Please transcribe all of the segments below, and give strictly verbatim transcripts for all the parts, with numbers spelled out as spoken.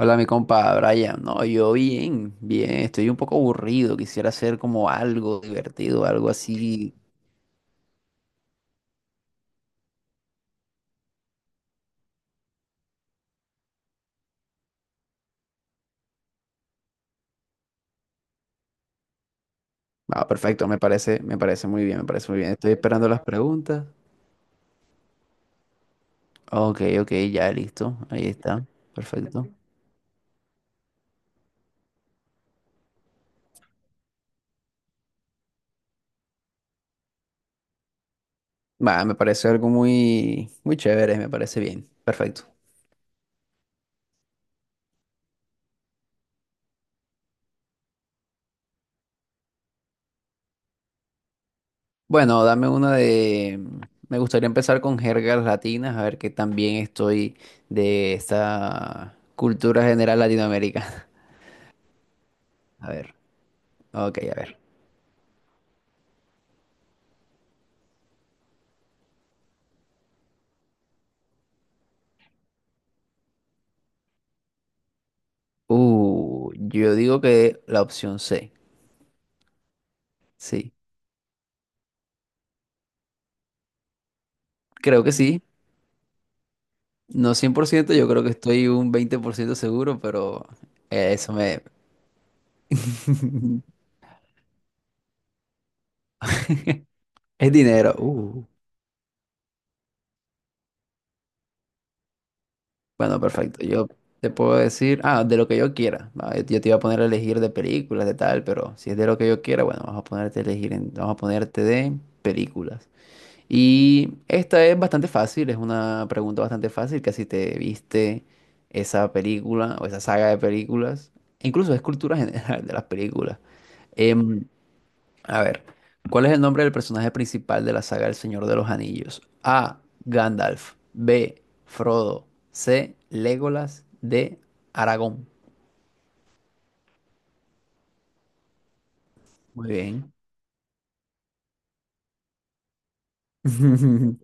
Hola, mi compa Brian. No, yo bien, bien. Estoy un poco aburrido. Quisiera hacer como algo divertido, algo así. Ah, perfecto. Me parece, me parece muy bien, me parece muy bien. Estoy esperando las preguntas. Ok, ok, ya listo. Ahí está. Perfecto. Va, me parece algo muy, muy chévere. Me parece bien. Perfecto. Bueno, dame una de. Me gustaría empezar con jergas latinas, a ver qué tan bien estoy de esta cultura general latinoamericana. A ver. Ok, a ver. Uh, yo digo que la opción C, sí. Creo que sí. No cien por ciento, yo creo que estoy un veinte por ciento seguro, pero eh, eso me... Es dinero. Uh, bueno, perfecto. Yo te puedo decir, ah, de lo que yo quiera. Ah, Yo yo te iba a poner a elegir de películas, de tal, pero si es de lo que yo quiera, bueno, vamos a ponerte a elegir en- vamos a ponerte de películas. Y esta es bastante fácil, es una pregunta bastante fácil, que si te viste esa película o esa saga de películas, e incluso es cultura general de las películas. Em, a ver, ¿cuál es el nombre del personaje principal de la saga El Señor de los Anillos? A. Gandalf. B. Frodo. C. Legolas. D. Aragón. Muy bien.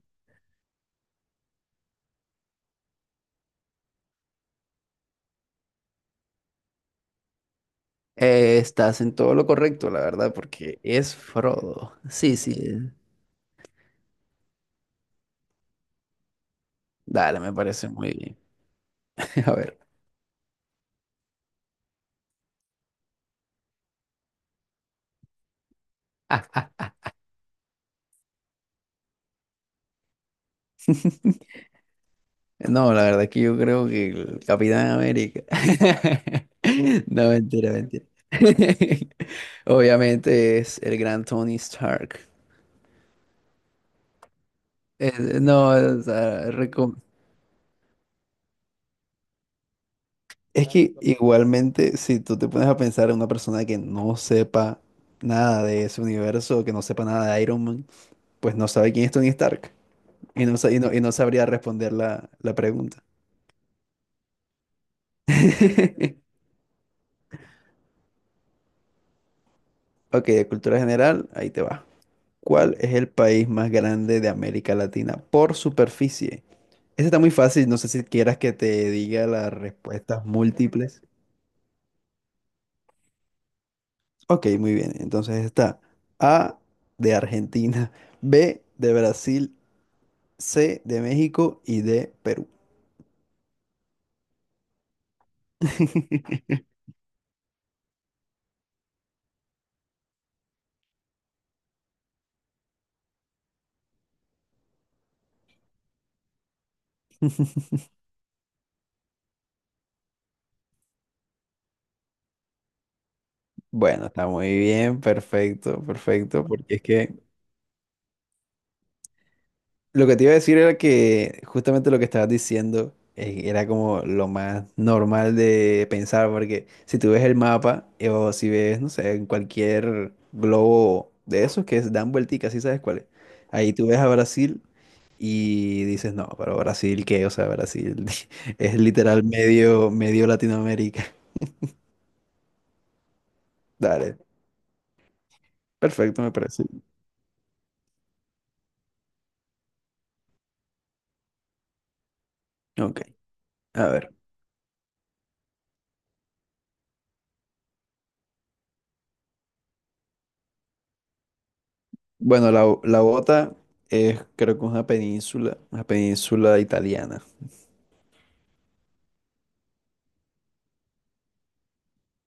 Eh, estás en todo lo correcto, la verdad, porque es Frodo. Sí, sí. Dale, me parece muy bien. A ver, no, la verdad que yo creo que el Capitán América. No, mentira, mentira. Obviamente es el gran Tony Stark. Eh, no, o sea, recom- es que igualmente si tú te pones a pensar en una persona que no sepa nada de ese universo, que no sepa nada de Iron Man, pues no sabe quién es Tony Stark y no, sa- y no, y no sabría responder la, la pregunta. Ok, de cultura general, ahí te va. ¿Cuál es el país más grande de América Latina por superficie? Ese está muy fácil, no sé si quieras que te diga las respuestas múltiples. Ok, muy bien. Entonces está A de Argentina, B de Brasil, C de México y D Perú. Bueno, está muy bien, perfecto, perfecto, porque es que lo que te iba a decir era que justamente lo que estabas diciendo eh, era como lo más normal de pensar, porque si tú ves el mapa eh, o si ves, no sé, en cualquier globo de esos que es- dan vuelticas, ¿sí sabes cuál es? Ahí tú ves a Brasil y dices, no, pero Brasil, ¿qué? O sea, Brasil es literal medio, medio Latinoamérica. Dale, perfecto, me parece. Ok, a ver. Bueno, la, la bota es creo que es una península, una península italiana.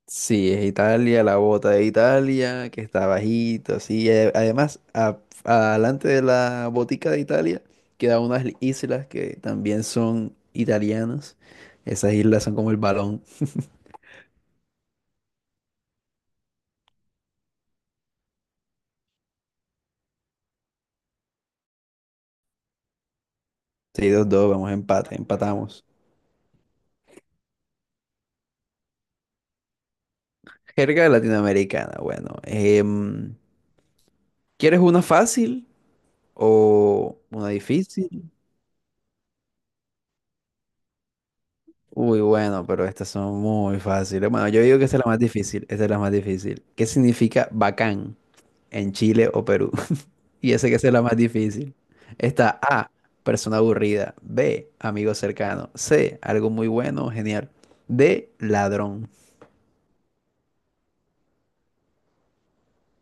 Sí, es Italia, la bota de Italia, que está bajito, así. eh, Además, a- adelante de la botica de Italia quedan unas islas que también son italianas. Esas islas son como el balón. seis dos dos, vamos a empate, empatamos. Jerga latinoamericana, bueno. Em, ¿quieres una fácil o una difícil? Uy, bueno, pero estas son muy fáciles. Bueno, yo digo que esta es la más difícil, esta es la más difícil. ¿Qué significa bacán en Chile o Perú? Y ese que es la más difícil. Está A, persona aburrida. B, amigo cercano. C, algo muy bueno, genial. D, ladrón.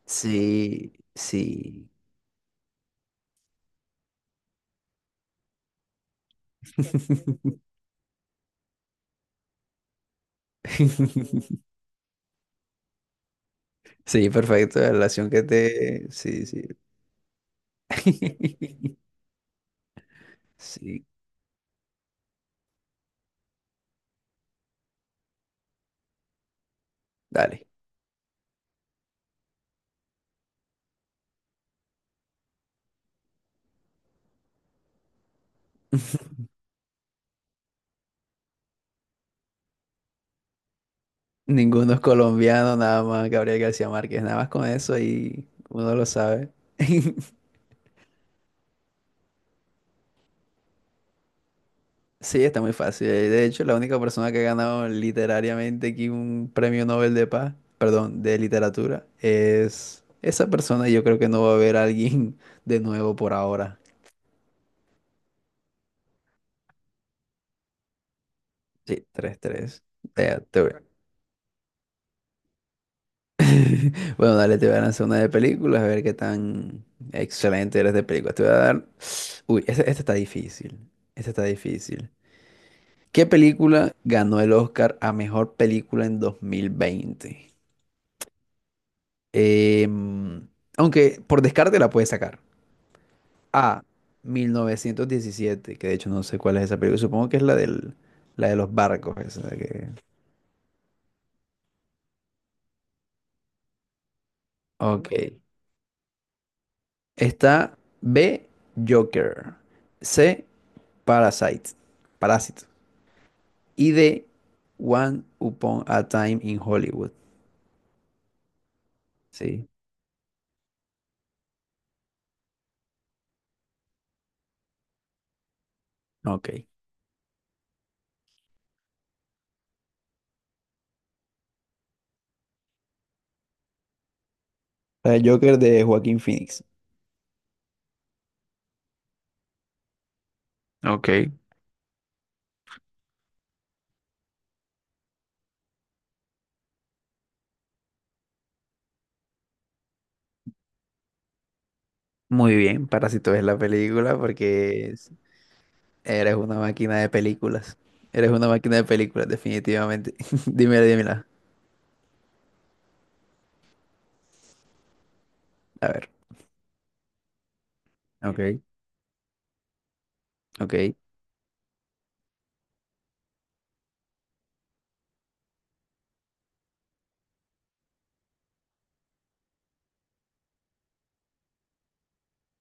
Sí, sí. Sí, perfecto. La relación que te... Sí, sí. Sí, dale. Ninguno es colombiano, nada más Gabriel García Márquez. Nada más con eso y uno lo sabe. Sí, está muy fácil. Eh, De hecho, la única persona que ha ganado literariamente aquí un premio Nobel de paz, perdón, de literatura, es esa persona. Y yo creo que no va a haber alguien de nuevo por ahora. Sí, tres tres. Te- te voy- Bueno, dale, te voy a lanzar una de películas, a ver qué tan excelente eres de películas. Te voy a dar... Uy, esta, esta está difícil. Esta está difícil. ¿Qué película ganó el Oscar a mejor película en dos mil veinte? Em, Aunque por descarte la puedes sacar. A. Mil novecientos diecisiete, que de hecho no sé cuál es esa película. Supongo que es la del, la de los barcos. Esa que... Ok. Está B. Joker. C. Parasite. Parásito. Y D. One Upon a Time in Hollywood. Sí. Ok. El Joker de Joaquín Phoenix. Ok. Muy bien. Parásito es la película porque eres una máquina de películas. Eres una máquina de películas, definitivamente. Dímela, dímela. A ver, ok. Ok,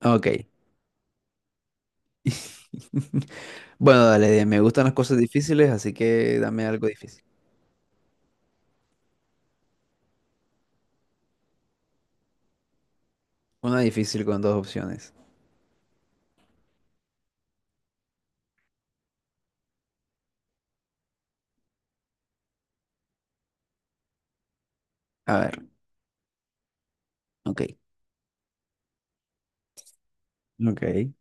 ok. Bueno, dale, de- me gustan las cosas difíciles, así que dame algo difícil. Una difícil con dos opciones. A ver, ok. Ok. Ese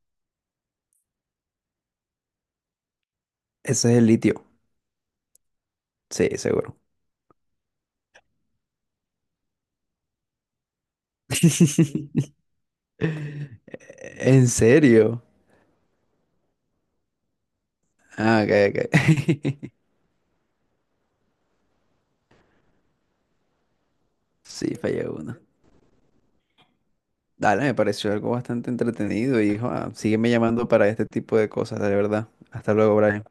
es el litio. Sí, seguro. ¿En serio? Ah, ok, ok. Sí, fallé uno. Dale, me pareció algo bastante entretenido y joa, sígueme llamando para este tipo de cosas, de verdad. Hasta luego, Brian.